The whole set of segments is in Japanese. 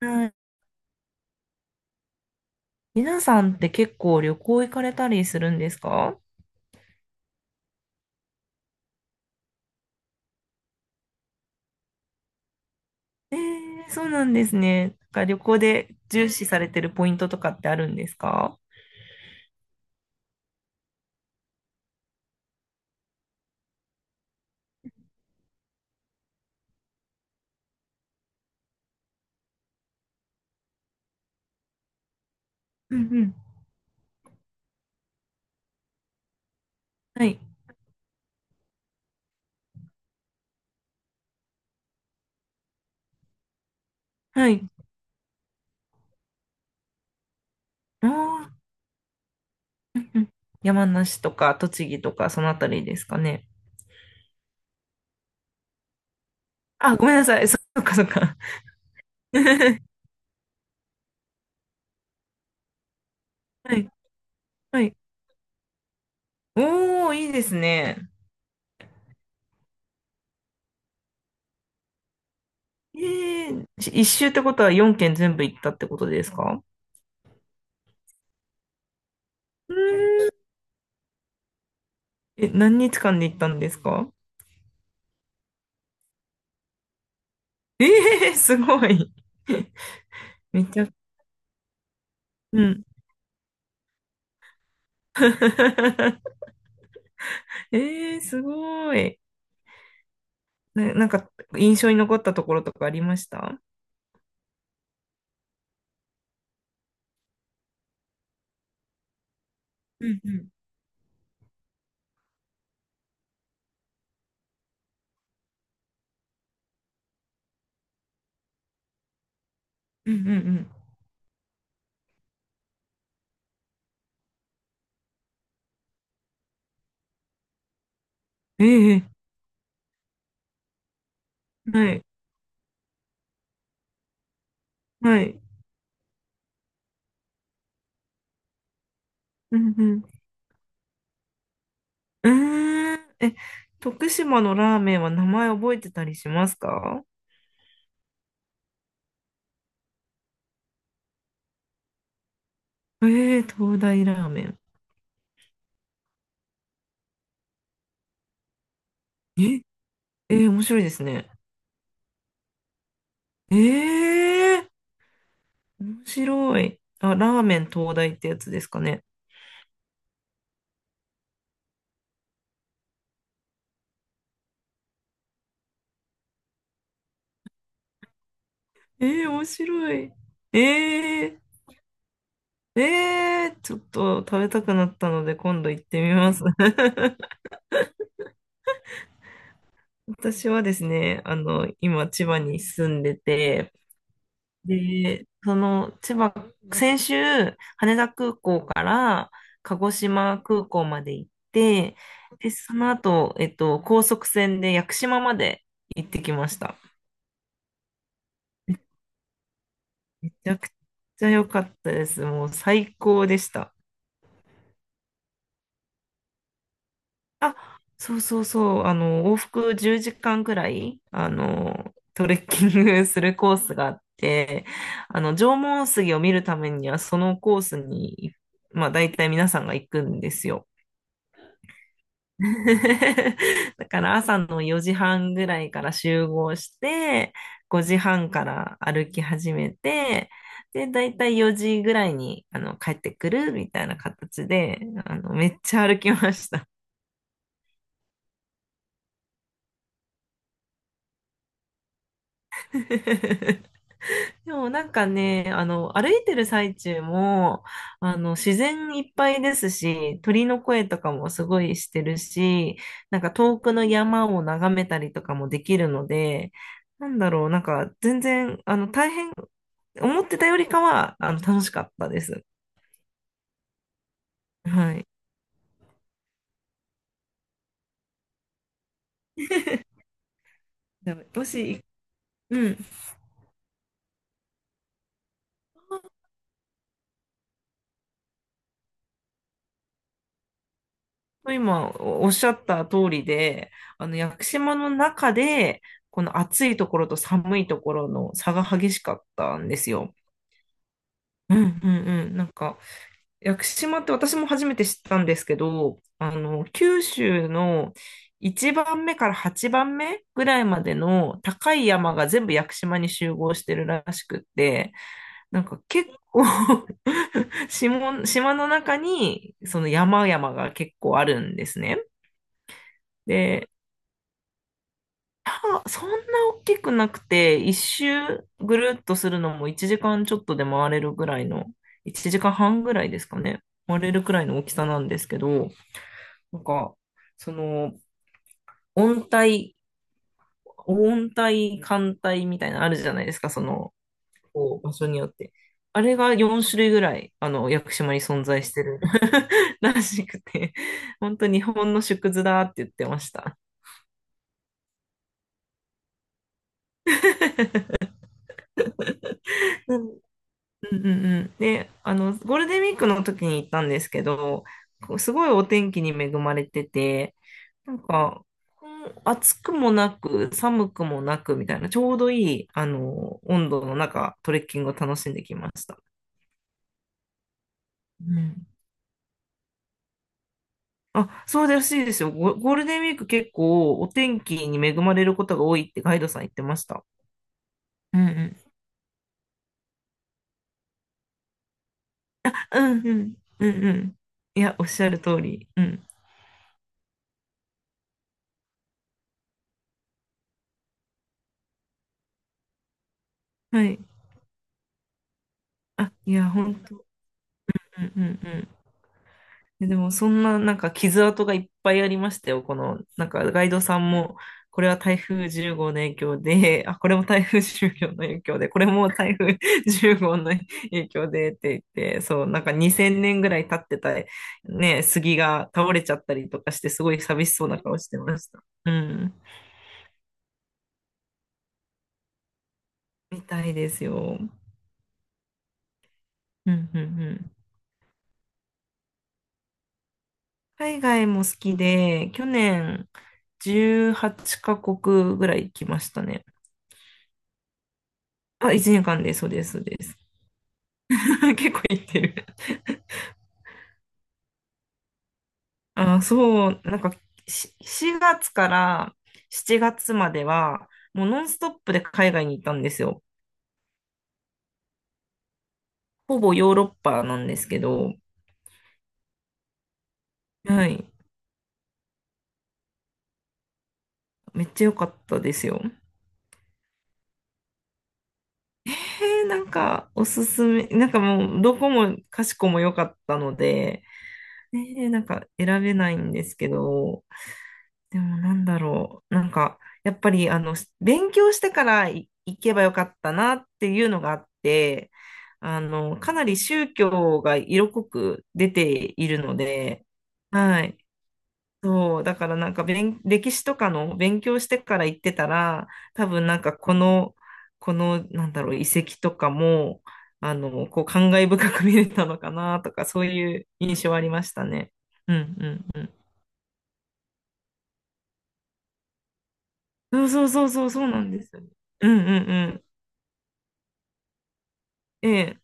はい。皆さんって結構旅行行かれたりするんですか？ええー、そうなんですね。なんか旅行で重視されてるポイントとかってあるんですか？うんうん。はい。はい。ああ、うんうん。山梨とか栃木とかそのあたりですかね。あ、ごめんなさい。そそっかそっか。はい。はい。おー、いいですね。ええー、し一周ってことは4県全部行ったってことですか？うーん。え、何日間で行ったんですか？ええー、すごい。めっちゃ、うん。えー、すごい。な、なんか、印象に残ったところとかありました？うんうん。うんうんうん。ええはい。はい。うんうん。うーん。え、徳島のラーメンは名前覚えてたりしますか？ええ東大ラーメン。え、えー面白いですね。ええ面白い。あ、ラーメン東大ってやつですかね。ええ面白い。えええー、ちょっと食べたくなったので今度行ってみます。私はですね、今千葉に住んでて、で、その千葉、先週羽田空港から鹿児島空港まで行って、で、その後、高速船で屋久島まで行ってきました。めちゃくちゃ良かったです。もう最高でした。あ、そうそうそう、往復10時間くらい、トレッキングするコースがあって、縄文杉を見るためには、そのコースに、まあ、大体皆さんが行くんですよ。だから朝の4時半ぐらいから集合して、5時半から歩き始めて、で、だいたい4時ぐらいに、帰ってくるみたいな形で、めっちゃ歩きました。でもなんかね、歩いてる最中も、自然いっぱいですし、鳥の声とかもすごいしてるし、なんか遠くの山を眺めたりとかもできるので、なんだろう、なんか全然、大変、思ってたよりかは、楽しかったです。はい。でももし、うん、今おおっしゃった通りで、屋久島の中で、この暑いところと寒いところの差が激しかったんですよ。うんうんうん。なんか、屋久島って私も初めて知ったんですけど、九州の1番目から8番目ぐらいまでの高い山が全部屋久島に集合してるらしくって、なんか結構 島、島の中にその山々が結構あるんですね。で、あ、そんな大きくなくて、一周ぐるっとするのも1時間ちょっとで回れるぐらいの、1時間半ぐらいですかね。回れるくらいの大きさなんですけど、なんか、その、温帯、温帯、寒帯みたいなのあるじゃないですか、その、こう場所によって。あれが4種類ぐらい、屋久島に存在してる らしくて、本当日本の縮図だって言ってました。うんうんうん。で、ゴールデンウィークの時に行ったんですけど、こうすごいお天気に恵まれてて、なんか、こう暑くもなく、寒くもなくみたいな、ちょうどいい、温度の中、トレッキングを楽しんできました。うん。あ、そうらしいですよ。ゴゴールデンウィーク結構お天気に恵まれることが多いってガイドさん言ってました。うんうん。うんうん、うんうん。いや、おっしゃる通り。うん。はい。あ、いや、本当。うんうんででも、そんななんか傷跡がいっぱいありましたよ。この、なんかガイドさんも、これは台風10号の影響で、あ、これも台風10号の影響で、これも台風10号の影響でって言って、そう、なんか2000年ぐらい経ってた、ね、杉が倒れちゃったりとかして、すごい寂しそうな顔してました。うん。みたいですよ。うん、うん、うん。海外も好きで、去年18カ国ぐらい来ましたね。あ、1年間で、そうです、そうです。結構行ってる。あー、そう、なんかし4月から7月までは、もうノンストップで海外に行ったんですよ。ほぼヨーロッパなんですけど、はい。めっちゃ良かったですよ。えー、なんかおすすめ、なんかもうどこもかしこも良かったので、えー、なんか選べないんですけど、でもなんだろう。なんか、やっぱり、勉強してからい行けばよかったなっていうのがあって、かなり宗教が色濃く出ているので、はい。そう、だからなんか勉、歴史とかの勉強してから行ってたら、多分なんかこの、この、なんだろう、遺跡とかも、こう、感慨深く見れたのかなとか、そういう印象ありましたね。うんうんうん。そうそうそうそう、そうなんですよね。うんうんうん。ええ、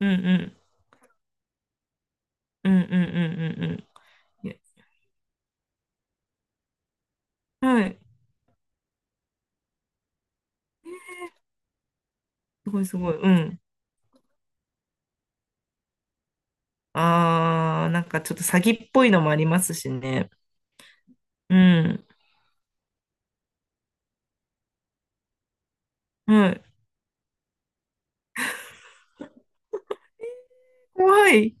うんうん。うんうんうんうんうん。えはい。すごいすごい。うん。あー、なんかちょっと詐欺っぽいのもありますしね。うん。はい。怖い。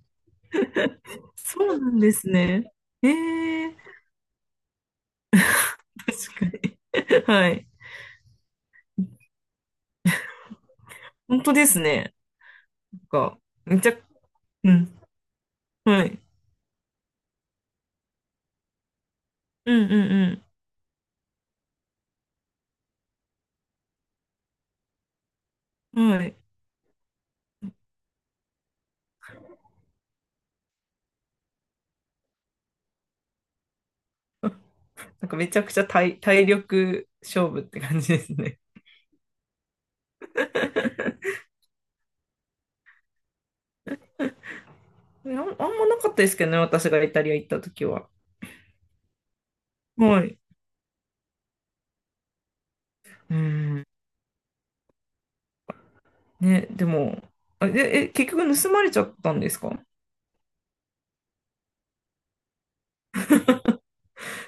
そうなんですね。ええ、確かに。はい。本当ですね。なんか、めちゃ、うん。はい。うんうんうん。はい。なんかめちゃくちゃ体、体力勝負って感じですね。あん、あんまなかったですけどね、私がイタリア行った時は。はい。うん。ね、でも、あ、で、え、結局盗まれちゃったんですか？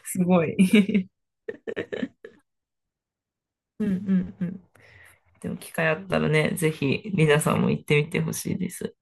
すごい。うんうんうん。でも機会あったらね、ぜひ、リナさんも行ってみてほしいです。